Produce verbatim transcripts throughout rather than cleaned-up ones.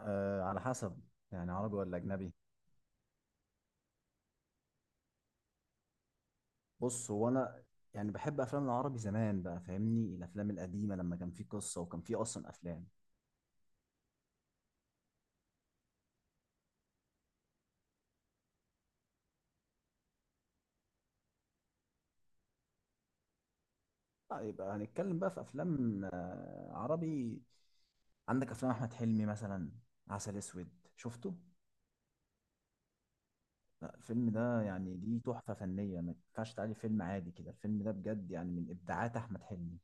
آه، على حسب. يعني عربي ولا اجنبي؟ بص، هو انا يعني بحب افلام العربي زمان بقى، فاهمني؟ الافلام القديمه لما كان في قصه وكان في اصلا افلام. لا، يبقى هنتكلم بقى في افلام آه عربي. عندك افلام احمد حلمي مثلا، عسل اسود، شفته؟ لا، الفيلم ده يعني دي تحفه فنيه، ما ينفعش تعالي فيلم عادي كده. الفيلم ده بجد يعني من ابداعات احمد حلمي.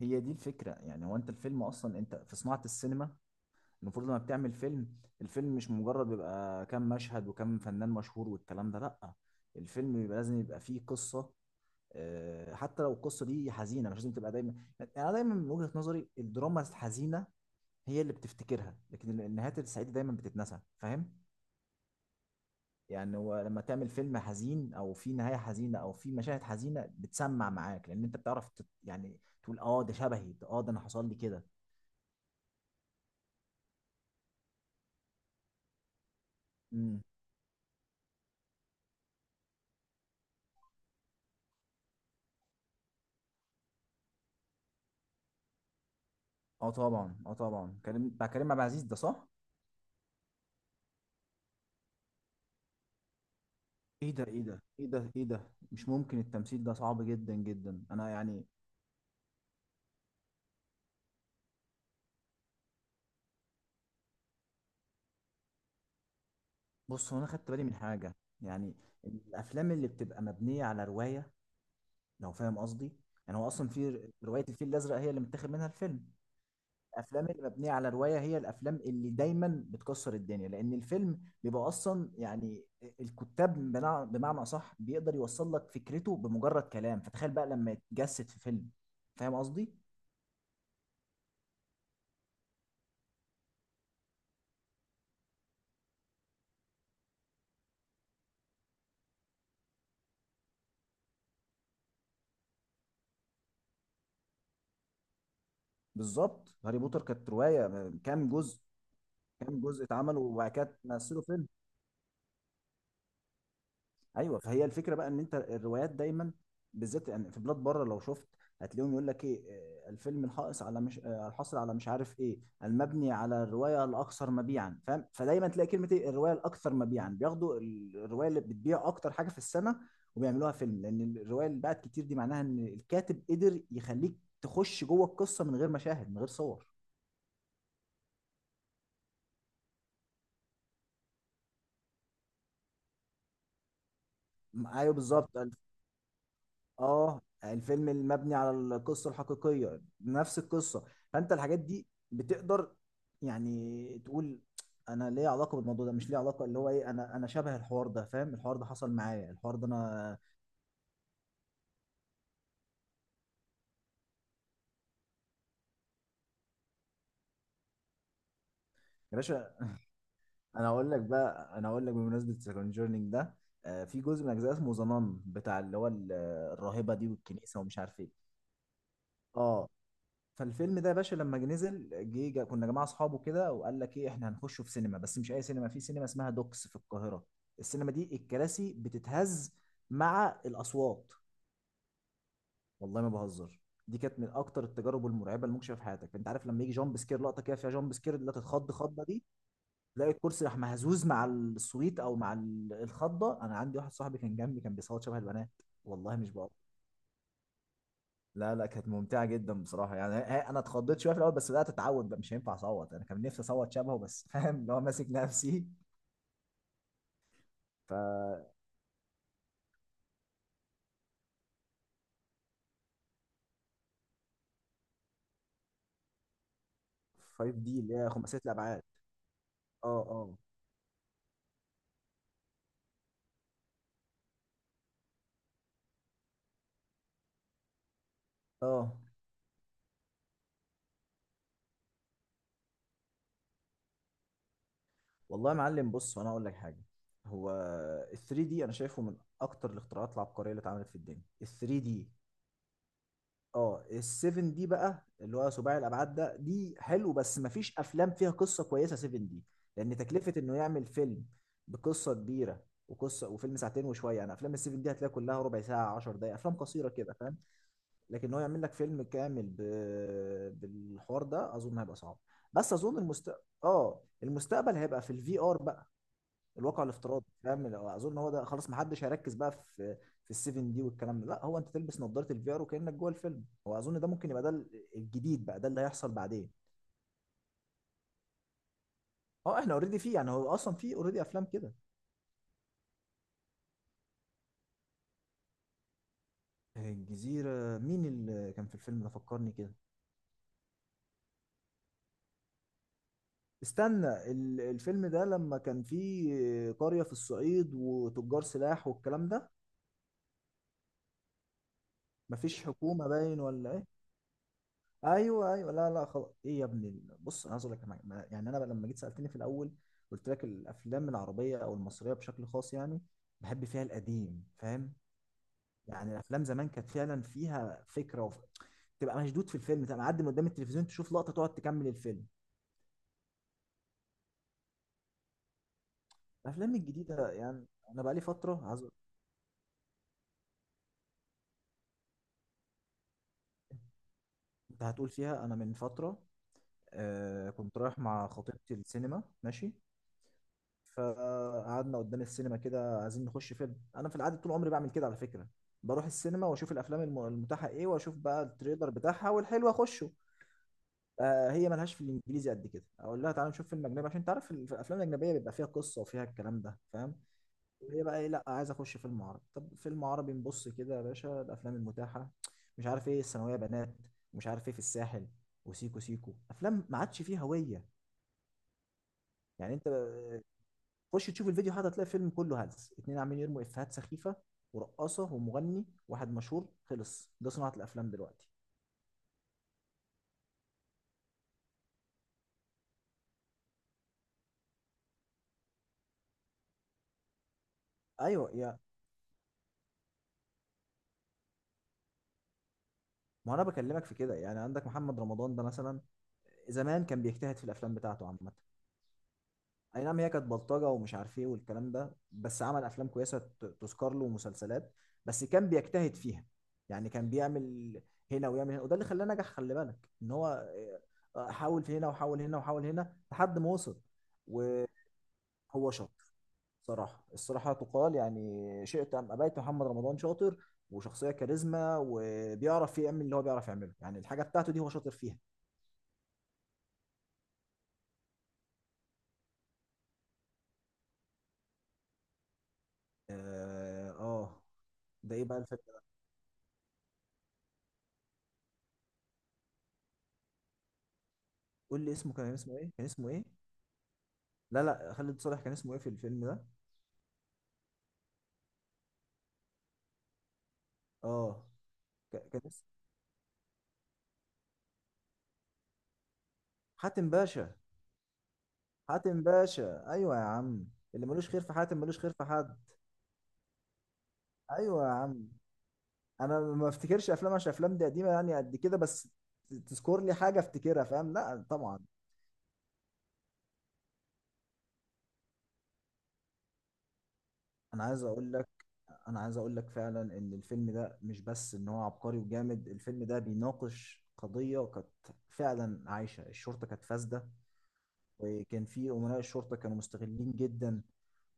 هي دي الفكره، يعني هو انت الفيلم اصلا، انت في صناعه السينما المفروض لما بتعمل فيلم، الفيلم مش مجرد بيبقى كام مشهد وكام فنان مشهور والكلام ده، لأ. الفيلم بيبقى لازم يبقى فيه قصة. آه، حتى لو القصة دي حزينة مش لازم تبقى دايما. يعني أنا دايما من وجهة نظري، الدراما الحزينة هي اللي بتفتكرها، لكن النهايات السعيدة دايما بتتنسى، فاهم؟ يعني هو لما تعمل فيلم حزين أو فيه نهاية حزينة أو فيه مشاهد حزينة بتسمع معاك، لأن أنت بتعرف تت... يعني تقول أه ده شبهي، ده أه ده أنا حصل لي كده. امم. أه طبعا، أه طبعا. كريم بتاع كريم عبد العزيز ده، صح؟ ايه ده، ايه ده، ايه ده، ايه ده، مش ممكن! التمثيل ده صعب جدا جدا، انا يعني. بص هو انا خدت بالي من حاجه. يعني الافلام اللي بتبقى مبنيه على روايه، لو فاهم قصدي. يعني هو اصلا في ر- روايه الفيل الازرق هي اللي متاخد منها الفيلم. الافلام اللي مبنيه على روايه هي الافلام اللي دايما بتكسر الدنيا، لان الفيلم بيبقى اصلا يعني الكتاب بمع- بمعنى اصح بيقدر يوصل لك فكرته بمجرد كلام، فتخيل بقى لما يتجسد في فيلم، فاهم قصدي؟ بالظبط. هاري بوتر كانت روايه، كام جزء؟ كام جزء اتعمل وبعد كده مثلوا فيلم. ايوه، فهي الفكره بقى، ان انت الروايات دايما، بالذات يعني في بلاد بره لو شفت، هتلاقيهم يقول لك ايه، آه، الفيلم الحائص على مش آه، الحاصل على مش عارف ايه، المبني على الروايه الاكثر مبيعا، فاهم؟ فدايما تلاقي كلمه ايه، الروايه الاكثر مبيعا، بياخدوا ال- الروايه اللي بتبيع اكتر حاجه في السنه وبيعملوها فيلم، لان الروايه اللي باعت كتير دي معناها ان الكاتب قدر يخليك تخش جوه القصه من غير مشاهد، من غير صور. م- ايوه بالظبط. اه، الفيلم المبني على القصه الحقيقيه نفس القصه، فانت الحاجات دي بتقدر يعني تقول انا ليه علاقه بالموضوع ده، مش ليه علاقه، اللي هو ايه، انا انا شبه الحوار ده، فاهم؟ الحوار ده حصل معايا، الحوار ده انا. يا باشا، انا اقول لك بقى، انا اقول لك بمناسبه الكونجورنينج ده، آه، في جزء من اجزاء اسمه ذا نان، بتاع اللي هو ال- الراهبه دي والكنيسه ومش عارف ايه. اه، فالفيلم ده يا باشا لما جه نزل جه جه- كنا جماعه اصحابه كده، وقال لك ايه، احنا هنخشه في سينما، بس مش اي سينما، في سينما اسمها دوكس في القاهره. السينما دي الكراسي بتتهز مع الاصوات. والله ما بهزر، دي كانت من اكتر التجارب المرعبه اللي ممكن تشوفها في حياتك. انت عارف لما يجي جامب سكير، لقطه كده فيها جامب سكير اللي تتخض خضه دي، تلاقي الكرسي راح مهزوز مع الصويت او مع ال- الخضه. انا عندي واحد صاحبي كان جنبي كان بيصوت شبه البنات، والله مش بقى. لا لا، كانت ممتعة جدا بصراحة. يعني هي- انا اتخضيت شوية في الاول، بس بدأت اتعود بقى، مش هينفع اصوت. انا كان نفسي اصوت شبهه بس فاهم؟ اللي هو ماسك نفسي. ف خمسة دي اللي هي خماسية الابعاد. اه، اه، اه. والله يا معلم، بص وانا اقول لك حاجة. هو ال تلاتة دي انا شايفه من اكتر الاختراعات العبقرية اللي اتعملت في الدنيا، ال ثري دي. اه، السيفن دي بقى اللي هو سباعي الابعاد ده، دي حلو بس مفيش افلام فيها قصه كويسه سيفن دي، لان تكلفه انه يعمل فيلم بقصه كبيره وقصه وفيلم ساعتين وشويه يعني. افلام السيفن دي هتلاقي كلها ربع ساعه، عشر دقائق، افلام قصيره كده، فاهم؟ لكن هو يعمل لك فيلم كامل ب... بالحوار ده، اظن هيبقى صعب. بس اظن المست... اه المستقبل هيبقى في الفي ار بقى، الواقع الافتراضي، فاهم؟ لو- اظن هو ده خلاص، ما حدش هيركز بقى في في السيفن دي والكلام ده، لا. هو انت تلبس نظاره الفي ار وكانك جوه الفيلم. هو اظن ده ممكن يبقى ده ال- الجديد بقى، ده اللي هيحصل بعدين. اه، احنا اوريدي فيه، يعني هو اصلا فيه اوريدي افلام كده. الجزيره؟ مين اللي كان في الفيلم ده، فكرني كده. استنى، ال- الفيلم ده لما كان فيه قريه في الصعيد وتجار سلاح والكلام ده، مفيش حكومه باين ولا. ايوه ايوه، لا لا، خلاص. ايه يا ابني ال- بص، انا عايز اقول لك على حاجة. ما- يعني انا بقى لما جيت سالتني في الاول قلت لك الافلام العربيه او المصريه بشكل خاص يعني بحب فيها القديم، فاهم؟ يعني الافلام زمان كانت فعلا فيها فكره وف... تبقى مشدود في الفيلم، تبقى معدي من قدام التلفزيون تشوف لقطه تقعد تكمل الفيلم. الافلام الجديده، يعني انا بقى لي فتره عايز أقول- انت هتقول فيها. انا من فتره آه كنت رايح مع خطيبتي السينما، ماشي، فقعدنا قدام السينما كده عايزين نخش فيلم. انا في العادة طول عمري بعمل كده على فكرة، بروح السينما واشوف الافلام الم- المتاحة ايه واشوف بقى التريلر بتاعها والحلو اخشه. آه هي ملهاش في الانجليزي قد كده، اقول لها تعالى نشوف فيلم اجنبي عشان تعرف ال- في الافلام الاجنبيه بيبقى فيها قصه وفيها الكلام ده، فاهم؟ هي بقى ايه، لا، عايز اخش فيلم عربي. طب فيلم عربي، نبص كده يا باشا الافلام المتاحه، مش عارف ايه الثانويه بنات، ومش عارف ايه في الساحل، وسيكو سيكو. افلام ما عادش فيها هويه، يعني انت خش تشوف الفيديو هذا، هتلاقي فيلم كله هلس، اتنين عاملين يرموا افيهات سخيفه، ورقاصه، ومغني واحد مشهور. خلص، ده صناعه الافلام دلوقتي. ايوه يا. ما انا بكلمك في كده، يعني عندك محمد رمضان ده مثلا، زمان كان بيجتهد في الافلام بتاعته عامه. اي نعم، هي كانت بلطجه ومش عارف ايه والكلام ده، بس عمل افلام كويسه ت- تذكر له، ومسلسلات، بس كان بيجتهد فيها. يعني كان بيعمل هنا ويعمل هنا، وده اللي خلاه نجح. خلي بالك ان هو آه، حاول في هنا وحاول هنا وحاول هنا لحد ما وصل. وهو شاطر صراحة، الصراحة تقال. يعني شئت أم أبيت، محمد رمضان شاطر وشخصية كاريزما، وبيعرف يعمل اللي هو بيعرف يعمله يعني، الحاجة بتاعته دي هو شاطر فيها. آه، آه. ده إيه بقى الفكرة؟ قول لي اسمه، كان اسمه إيه؟ كان اسمه إيه؟ لا لا، خالد صالح كان اسمه إيه في الفيلم ده؟ آه، ك- كان اسمه حاتم باشا. حاتم باشا، أيوة يا عم. اللي ملوش خير في حاتم ملوش خير في حد. أيوة يا عم، أنا ما افتكرش أفلام، عشان أفلام دي قديمة يعني قد كده، بس تذكر لي حاجة افتكرها، فاهم؟ لا طبعا. انا عايز اقول لك، انا عايز اقول لك فعلا ان الفيلم ده مش بس ان هو عبقري وجامد، الفيلم ده بيناقش قضية كانت فعلا عايشة. الشرطة كانت فاسدة، وكان في أمراء الشرطة كانوا مستغلين جدا،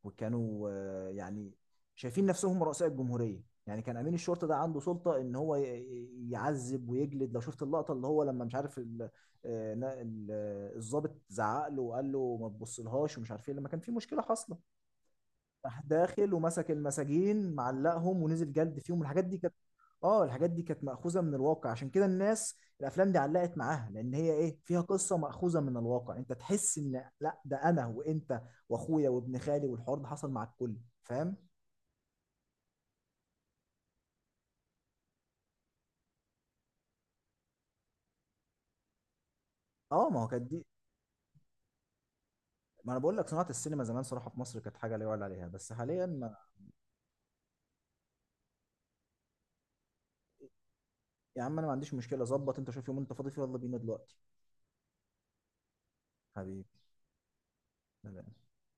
وكانوا آه، يعني شايفين نفسهم رؤساء الجمهورية. يعني كان أمين الشرطة ده عنده سلطة إن هو ي- ي- يعذب ويجلد. لو شفت اللقطة اللي هو لما مش عارف ال- آه، نا- ال- آه، الضابط زعق له وقال له ما تبصلهاش ومش عارف ايه، لما كان في مشكلة حاصلة، راح داخل ومسك المساجين معلقهم ونزل جلد فيهم. الحاجات دي كانت اه الحاجات دي كانت مأخوذة من الواقع، عشان كده الناس الافلام دي علقت معاها، لان هي ايه، فيها قصة مأخوذة من الواقع، انت تحس ان لا، ده انا وانت واخويا وابن خالي، والحوار ده حصل مع الكل، فاهم؟ اه، ما هو كانت دي. ما انا بقول لك صناعة السينما زمان صراحة في مصر كانت حاجة لا يعلى عليها، بس حاليا ما... يا عم انا ما عنديش مشكلة، ظبط انت شوف يوم انت فاضي فيه، يلا بينا دلوقتي. حبيبي. سلام.